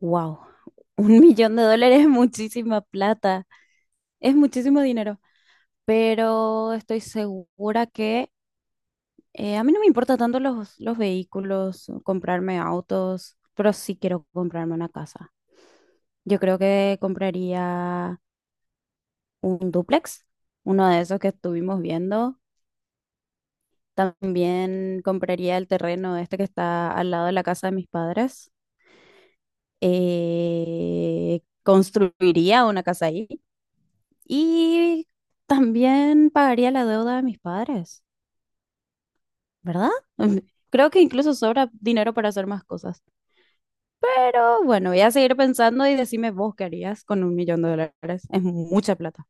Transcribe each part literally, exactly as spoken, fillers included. Wow, un millón de dólares es muchísima plata, es muchísimo dinero, pero estoy segura que eh, a mí no me importa tanto los, los vehículos, comprarme autos, pero sí quiero comprarme una casa. Yo creo que compraría un dúplex, uno de esos que estuvimos viendo. También compraría el terreno este que está al lado de la casa de mis padres. Eh, construiría una casa ahí. Y también pagaría la deuda de mis padres, ¿verdad? Creo que incluso sobra dinero para hacer más cosas. Pero bueno, voy a seguir pensando y decime vos qué harías con un millón de dólares. Es mucha plata.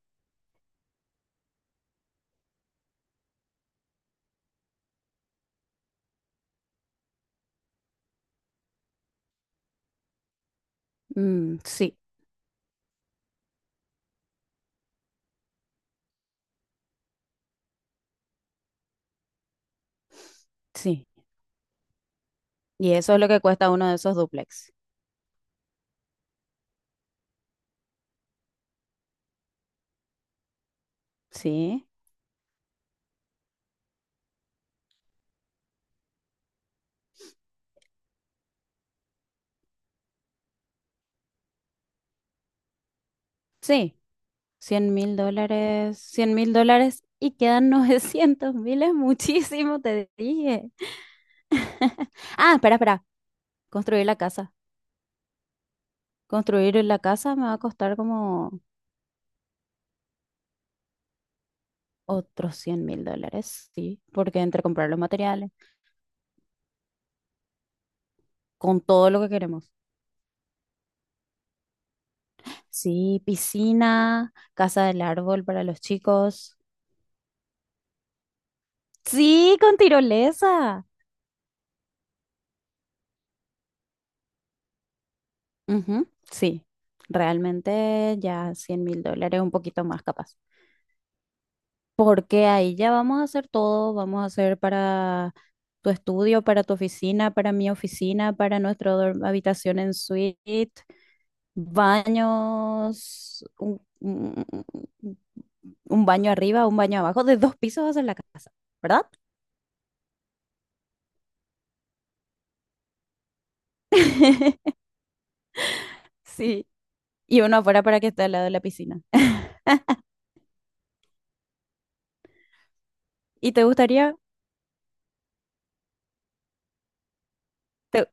Mm, sí, sí. Y eso es lo que cuesta uno de esos duplex. Sí, sí. Cien mil dólares, cien mil dólares y quedan novecientos mil. Es muchísimo, te dije. Ah, espera, espera. Construir la casa. Construir la casa me va a costar como... Otros cien mil dólares, sí, porque entre comprar los materiales, con todo lo que queremos. Sí, piscina, casa del árbol para los chicos. Sí, con tirolesa. Ujú, sí, realmente ya cien mil dólares, un poquito más capaz. Porque ahí ya vamos a hacer todo, vamos a hacer para tu estudio, para tu oficina, para mi oficina, para nuestra habitación en suite. Baños, un, un- un baño arriba, un baño abajo, de dos pisos hacer la casa, ¿verdad? Sí. Y uno afuera para que esté al lado de la piscina. ¿Y te gustaría te-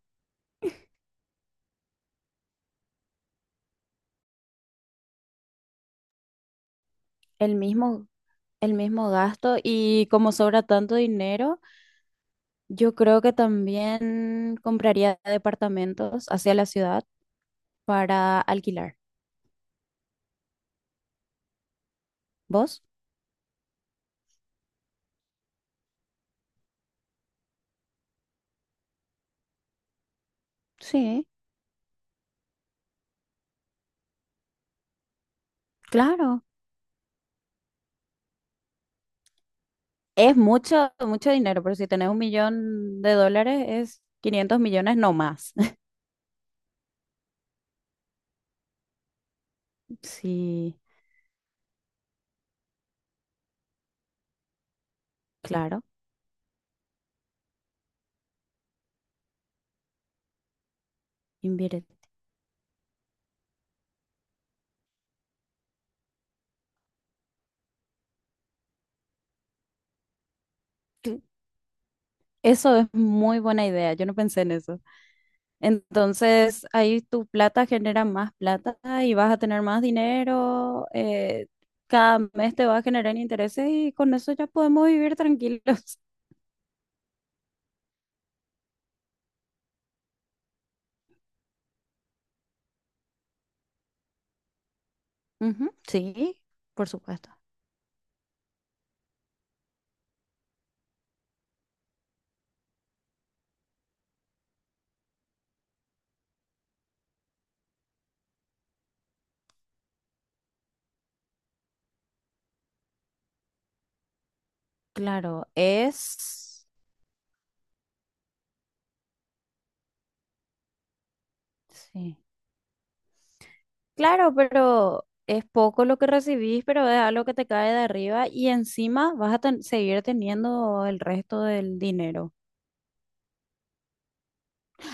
el mismo, el mismo gasto? Y como sobra tanto dinero, yo creo que también compraría departamentos hacia la ciudad para alquilar. ¿Vos? Sí, claro. Es mucho, mucho dinero, pero si tenés un millón de dólares es quinientos millones no más. Sí, claro, invierte. Eso es muy buena idea, yo no pensé en eso. Entonces, ahí tu plata genera más plata y vas a tener más dinero, eh, cada mes te va a generar intereses y con eso ya podemos vivir tranquilos. Ujú, sí, por supuesto. Claro, es... Sí. Claro, pero es poco lo que recibís, pero es algo que te cae de arriba y encima vas a ten- seguir teniendo el resto del dinero.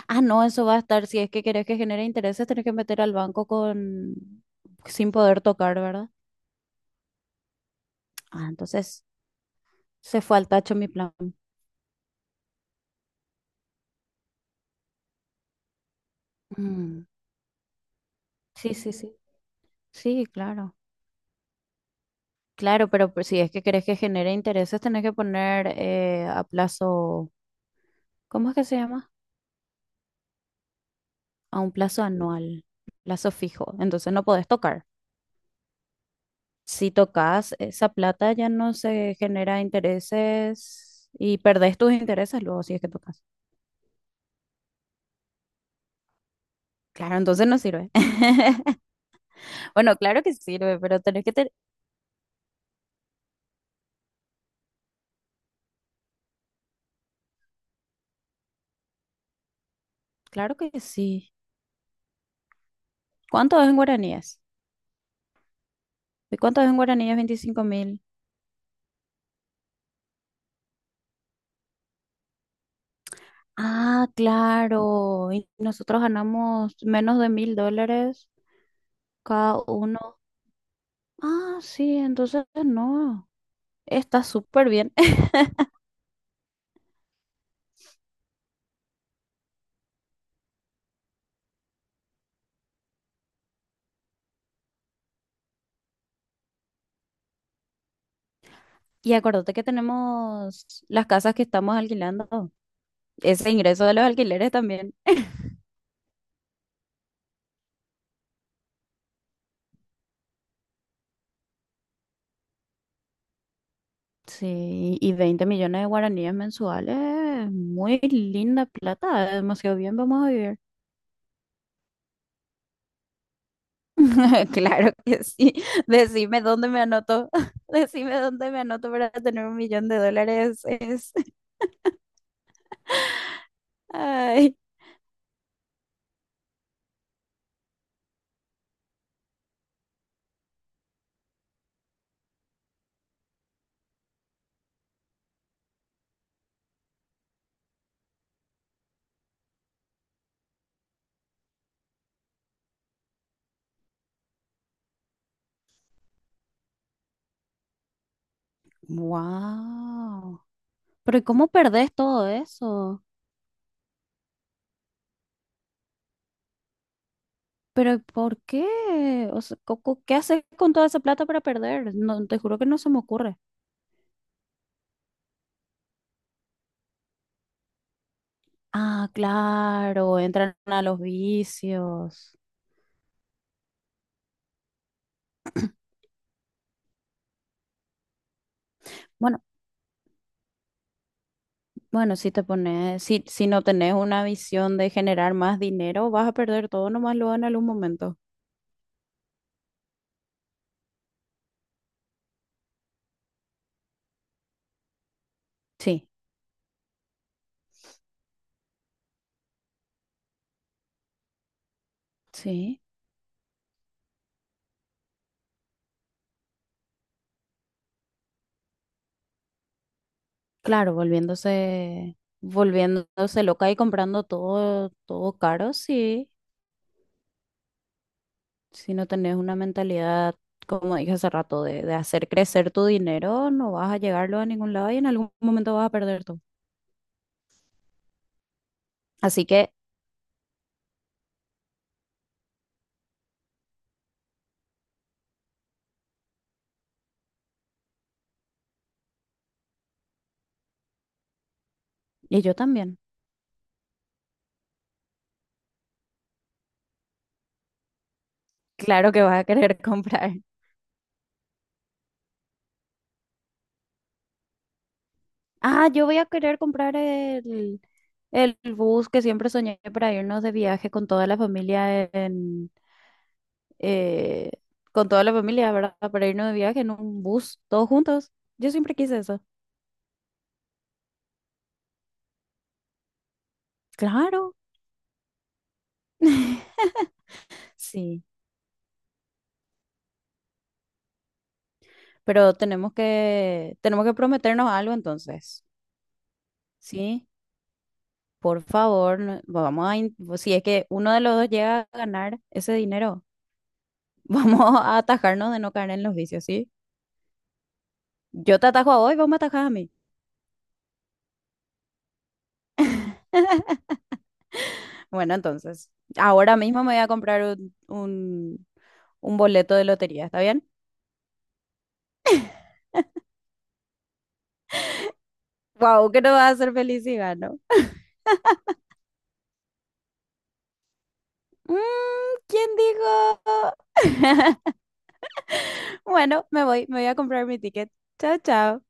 Ah, no, eso va a estar, si es que querés que genere intereses, tenés que meter al banco con sin poder tocar, ¿verdad? Ah, entonces se fue al tacho mi plan. Mm, sí, sí, sí. Sí, claro. Claro, pero pues si es que querés que genere intereses, tenés que poner eh, a plazo, ¿cómo es que se llama? A un plazo anual, plazo fijo. Entonces no podés tocar. Si tocas esa plata ya no se genera intereses y perdés tus intereses luego si es que tocas. Claro, entonces no sirve. Bueno, claro que sirve, pero tenés que tener... Claro que sí. ¿Cuánto es en guaraníes? ¿Y cuánto es en guaraníes? Veinticinco mil. Ah, claro. Y nosotros ganamos menos de mil dólares cada uno. Ah, sí, entonces no. Está súper bien. Y acuérdate que tenemos las casas que estamos alquilando. Ese ingreso de los alquileres también. Sí, y veinte millones de guaraníes mensuales, muy linda plata, demasiado bien vamos a vivir. Claro que sí. Decime dónde me anoto. Decime dónde me anoto para tener un millón de dólares. Es... Ay. Wow. Pero ¿cómo perdés todo eso? ¿Pero por qué? O sea, co- co- ¿qué haces con toda esa plata para perder? No, te juro que no se me ocurre. Ah, claro, entran a los vicios. Bueno, bueno, si te pones, si, si no tenés una visión de generar más dinero, vas a perder todo nomás luego en algún momento. Sí, sí. Claro, volviéndose, volviéndose loca y comprando todo, todo caro, sí. Si no tenés una mentalidad, como dije hace rato, de, de hacer crecer tu dinero, no vas a llegarlo a ningún lado y en algún momento vas a perder todo. Así que, y yo también. Claro que vas a querer comprar. Ah, yo voy a querer comprar el, el bus que siempre soñé para irnos de viaje con toda la familia en, eh, con toda la familia, ¿verdad? Para irnos de viaje en un bus, todos juntos. Yo siempre quise eso. Claro. Sí, pero tenemos que, tenemos que prometernos algo entonces, ¿sí? Por favor, no- vamos a, in- si es que uno de los dos llega a ganar ese dinero, vamos a atajarnos de no caer en los vicios, ¿sí? Yo te atajo a vos y vos me atajás a mí. Bueno, entonces, ahora mismo me voy a comprar un, un, un boleto de lotería, ¿está bien? Wow, que no va a ser feliz si gano. Mm, ¿quién dijo? Bueno, me voy, me voy a comprar mi ticket. Chao, chao.